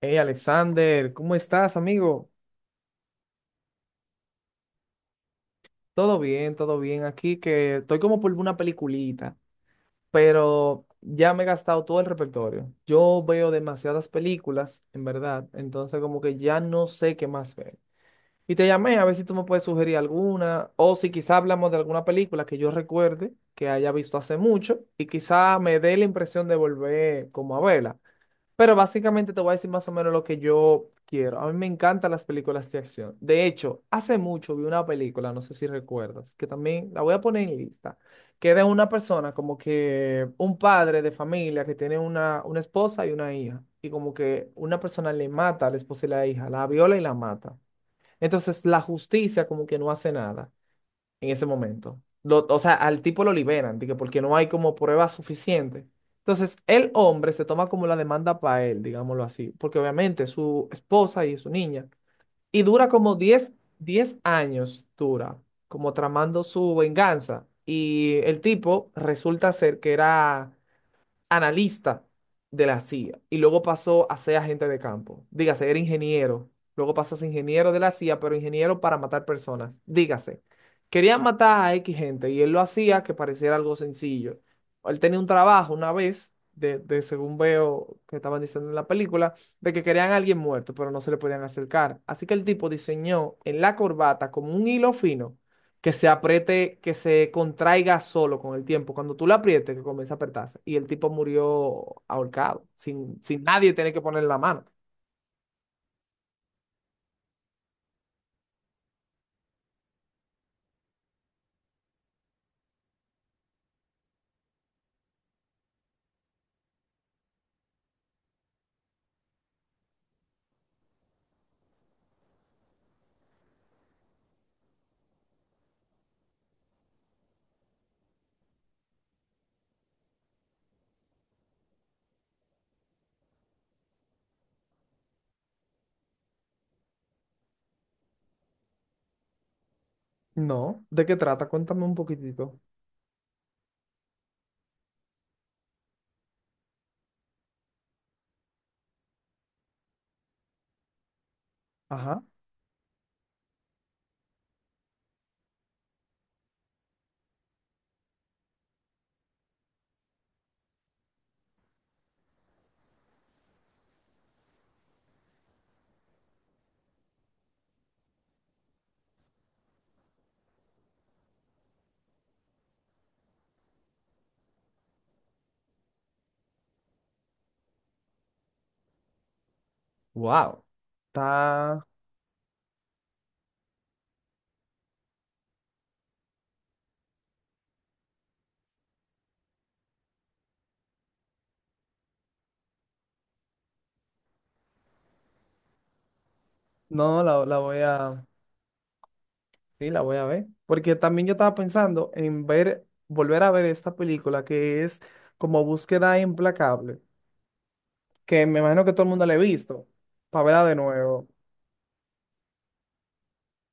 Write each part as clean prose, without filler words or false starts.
Hey Alexander, ¿cómo estás, amigo? Todo bien, todo bien. Aquí que estoy como por una peliculita, pero ya me he gastado todo el repertorio. Yo veo demasiadas películas, en verdad, entonces como que ya no sé qué más ver. Y te llamé a ver si tú me puedes sugerir alguna, o si quizá hablamos de alguna película que yo recuerde que haya visto hace mucho y quizá me dé la impresión de volver como a verla. Pero básicamente te voy a decir más o menos lo que yo quiero. A mí me encantan las películas de acción. De hecho, hace mucho vi una película, no sé si recuerdas, que también la voy a poner en lista, que era una persona como que un padre de familia que tiene una esposa y una hija. Y como que una persona le mata a la esposa y la hija, la viola y la mata. Entonces la justicia como que no hace nada en ese momento. O sea, al tipo lo liberan, de que porque no hay como prueba suficiente. Entonces, el hombre se toma como la demanda para él, digámoslo así, porque obviamente es su esposa y es su niña. Y dura como diez años, dura, como tramando su venganza. Y el tipo resulta ser que era analista de la CIA y luego pasó a ser agente de campo. Dígase, era ingeniero. Luego pasó a ser ingeniero de la CIA, pero ingeniero para matar personas. Dígase, querían matar a X gente y él lo hacía que pareciera algo sencillo. Él tenía un trabajo una vez, de según veo que estaban diciendo en la película, de que querían a alguien muerto, pero no se le podían acercar. Así que el tipo diseñó en la corbata como un hilo fino que se apriete, que se contraiga solo con el tiempo. Cuando tú la aprietes, que comienza a apretarse. Y el tipo murió ahorcado, sin nadie tener que poner la mano. No, ¿de qué trata? Cuéntame un poquitito. Ajá. Wow. Está, no, la voy a... Sí, la voy a ver. Porque también yo estaba pensando en ver, volver a ver esta película que es como Búsqueda Implacable, que me imagino que todo el mundo la ha visto, para verla de nuevo.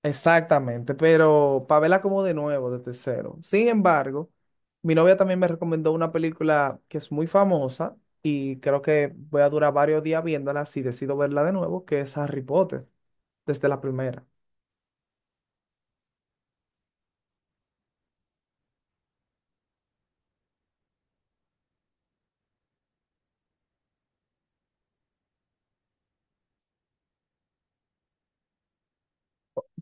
Exactamente, pero para verla como de nuevo, desde cero. Sin embargo, mi novia también me recomendó una película que es muy famosa y creo que voy a durar varios días viéndola si decido verla de nuevo, que es Harry Potter, desde la primera.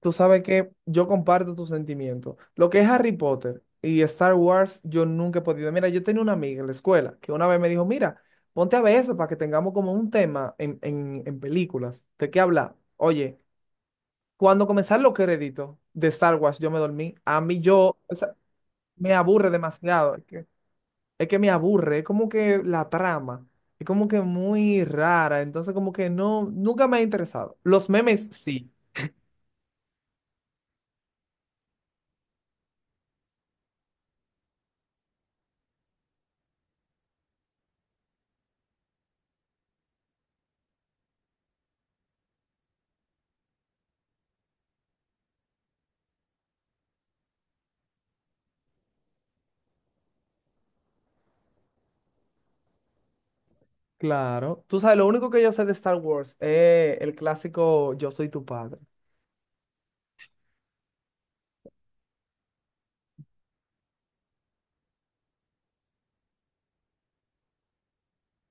Tú sabes que yo comparto tus sentimientos. Lo que es Harry Potter y Star Wars, yo nunca he podido. Mira, yo tenía una amiga en la escuela que una vez me dijo, mira, ponte a ver eso para que tengamos como un tema en películas. ¿De qué hablar? Oye. Cuando comenzaron los créditos de Star Wars, yo me dormí. A mí yo, o sea, me aburre demasiado. Es que me aburre, es como que la trama, es como que muy rara. Entonces como que no, nunca me ha interesado. Los memes sí, claro. Tú sabes, lo único que yo sé de Star Wars es el clásico Yo soy tu padre.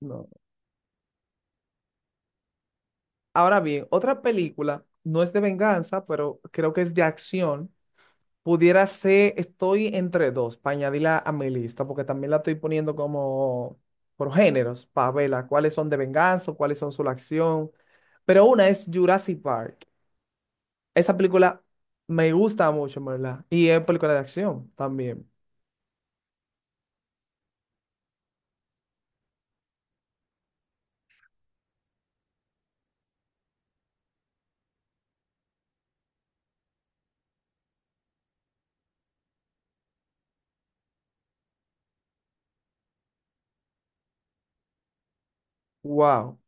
No. Ahora bien, otra película, no es de venganza, pero creo que es de acción. Pudiera ser, estoy entre dos, para añadirla a mi lista, porque también la estoy poniendo como por géneros, para verla, cuáles son de venganza, cuáles son su acción. Pero una es Jurassic Park. Esa película me gusta mucho, en ¿verdad? Y es película de acción también. Wow,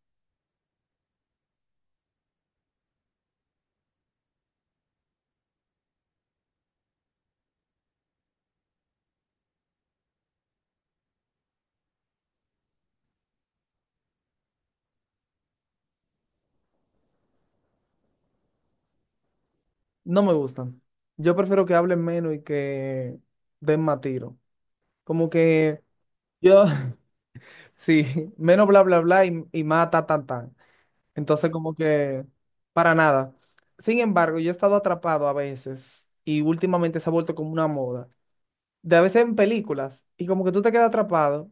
no me gustan. Yo prefiero que hablen menos y que den más tiro. Como que yo, sí, menos bla, bla, bla y más ta, tan, tan. Entonces, como que para nada. Sin embargo, yo he estado atrapado a veces y últimamente se ha vuelto como una moda. De a veces en películas y como que tú te quedas atrapado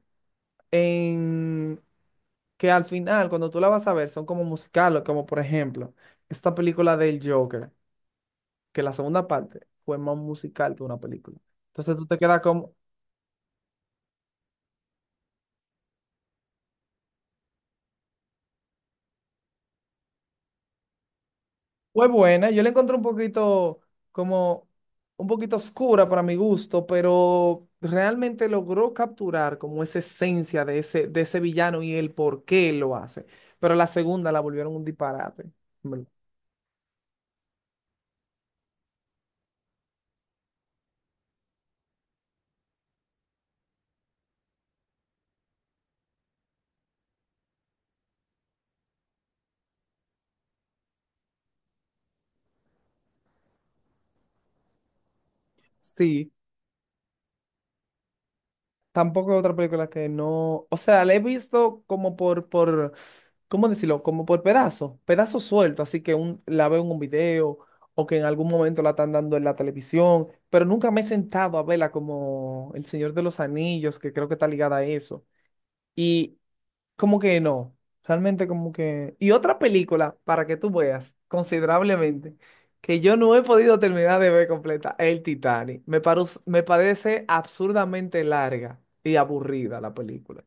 en que al final, cuando tú la vas a ver, son como musicales, como por ejemplo esta película del Joker, que la segunda parte fue más musical que una película. Entonces tú te quedas como, fue buena, yo la encontré un poquito como un poquito oscura para mi gusto, pero realmente logró capturar como esa esencia de ese villano y el por qué lo hace. Pero la segunda la volvieron un disparate. En sí, tampoco otra película que no. O sea, la he visto como por, ¿cómo decirlo? Como por pedazos, pedazos sueltos. Así que un, la veo en un video o que en algún momento la están dando en la televisión, pero nunca me he sentado a verla como El Señor de los Anillos, que creo que está ligada a eso. Y como que no, realmente como que... Y otra película, para que tú veas considerablemente, que yo no he podido terminar de ver completa, el Titanic. Me parece absurdamente larga y aburrida la película.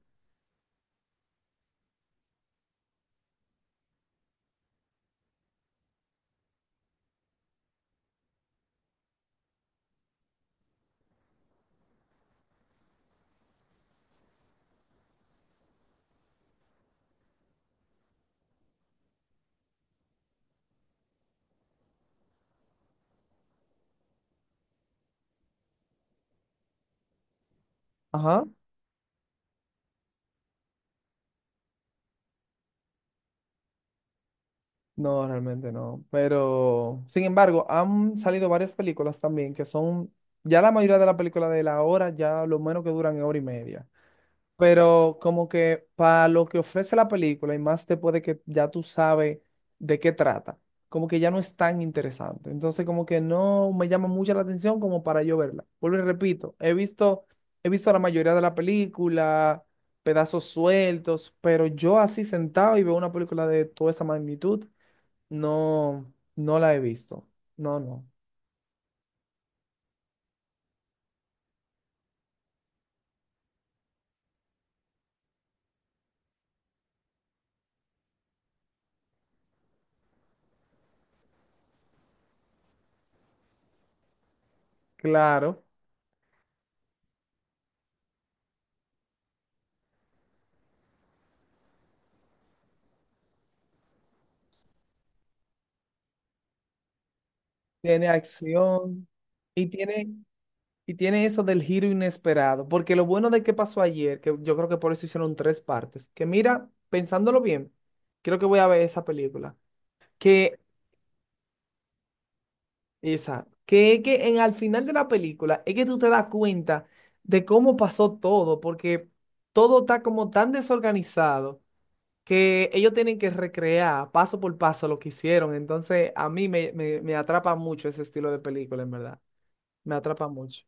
Ajá. No, realmente no. Pero, sin embargo, han salido varias películas también que son, ya la mayoría de las películas de la hora, ya lo menos que duran es hora y media. Pero como que para lo que ofrece la película y más después de que ya tú sabes de qué trata, como que ya no es tan interesante. Entonces como que no me llama mucho la atención como para yo verla. Vuelvo y repito, he visto la mayoría de la película, pedazos sueltos, pero yo así sentado y veo una película de toda esa magnitud, no, no la he visto. No, no. Claro, tiene acción y tiene... Y tiene eso del giro inesperado, porque lo bueno de qué pasó ayer, que yo creo que por eso hicieron tres partes, que mira, pensándolo bien, creo que voy a ver esa película, que esa, que en al final de la película es que tú te das cuenta de cómo pasó todo, porque todo está como tan desorganizado que ellos tienen que recrear paso por paso lo que hicieron, entonces a mí me atrapa mucho ese estilo de película, en verdad, me atrapa mucho.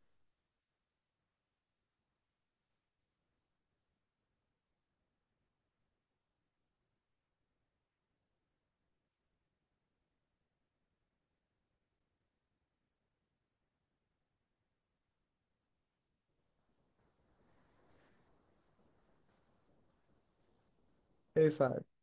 Exacto.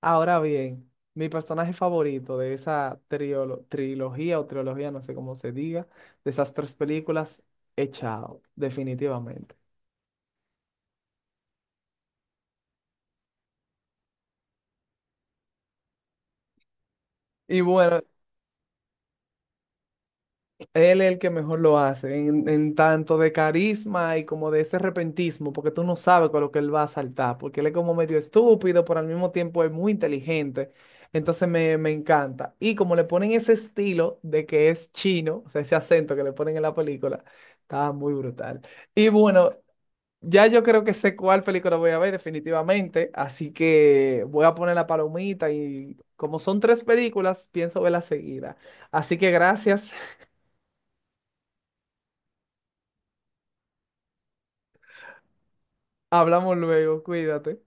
Ahora bien, mi personaje favorito de esa trilogía o trilogía, no sé cómo se diga, de esas tres películas, es Chao, definitivamente. Y bueno, él es el que mejor lo hace, en tanto de carisma y como de ese repentismo, porque tú no sabes con lo que él va a saltar, porque él es como medio estúpido, pero al mismo tiempo es muy inteligente. Entonces me encanta. Y como le ponen ese estilo de que es chino, o sea, ese acento que le ponen en la película, está muy brutal. Y bueno, ya yo creo que sé cuál película voy a ver definitivamente, así que voy a poner la palomita y como son tres películas, pienso verla seguida. Así que gracias, hablamos luego, cuídate.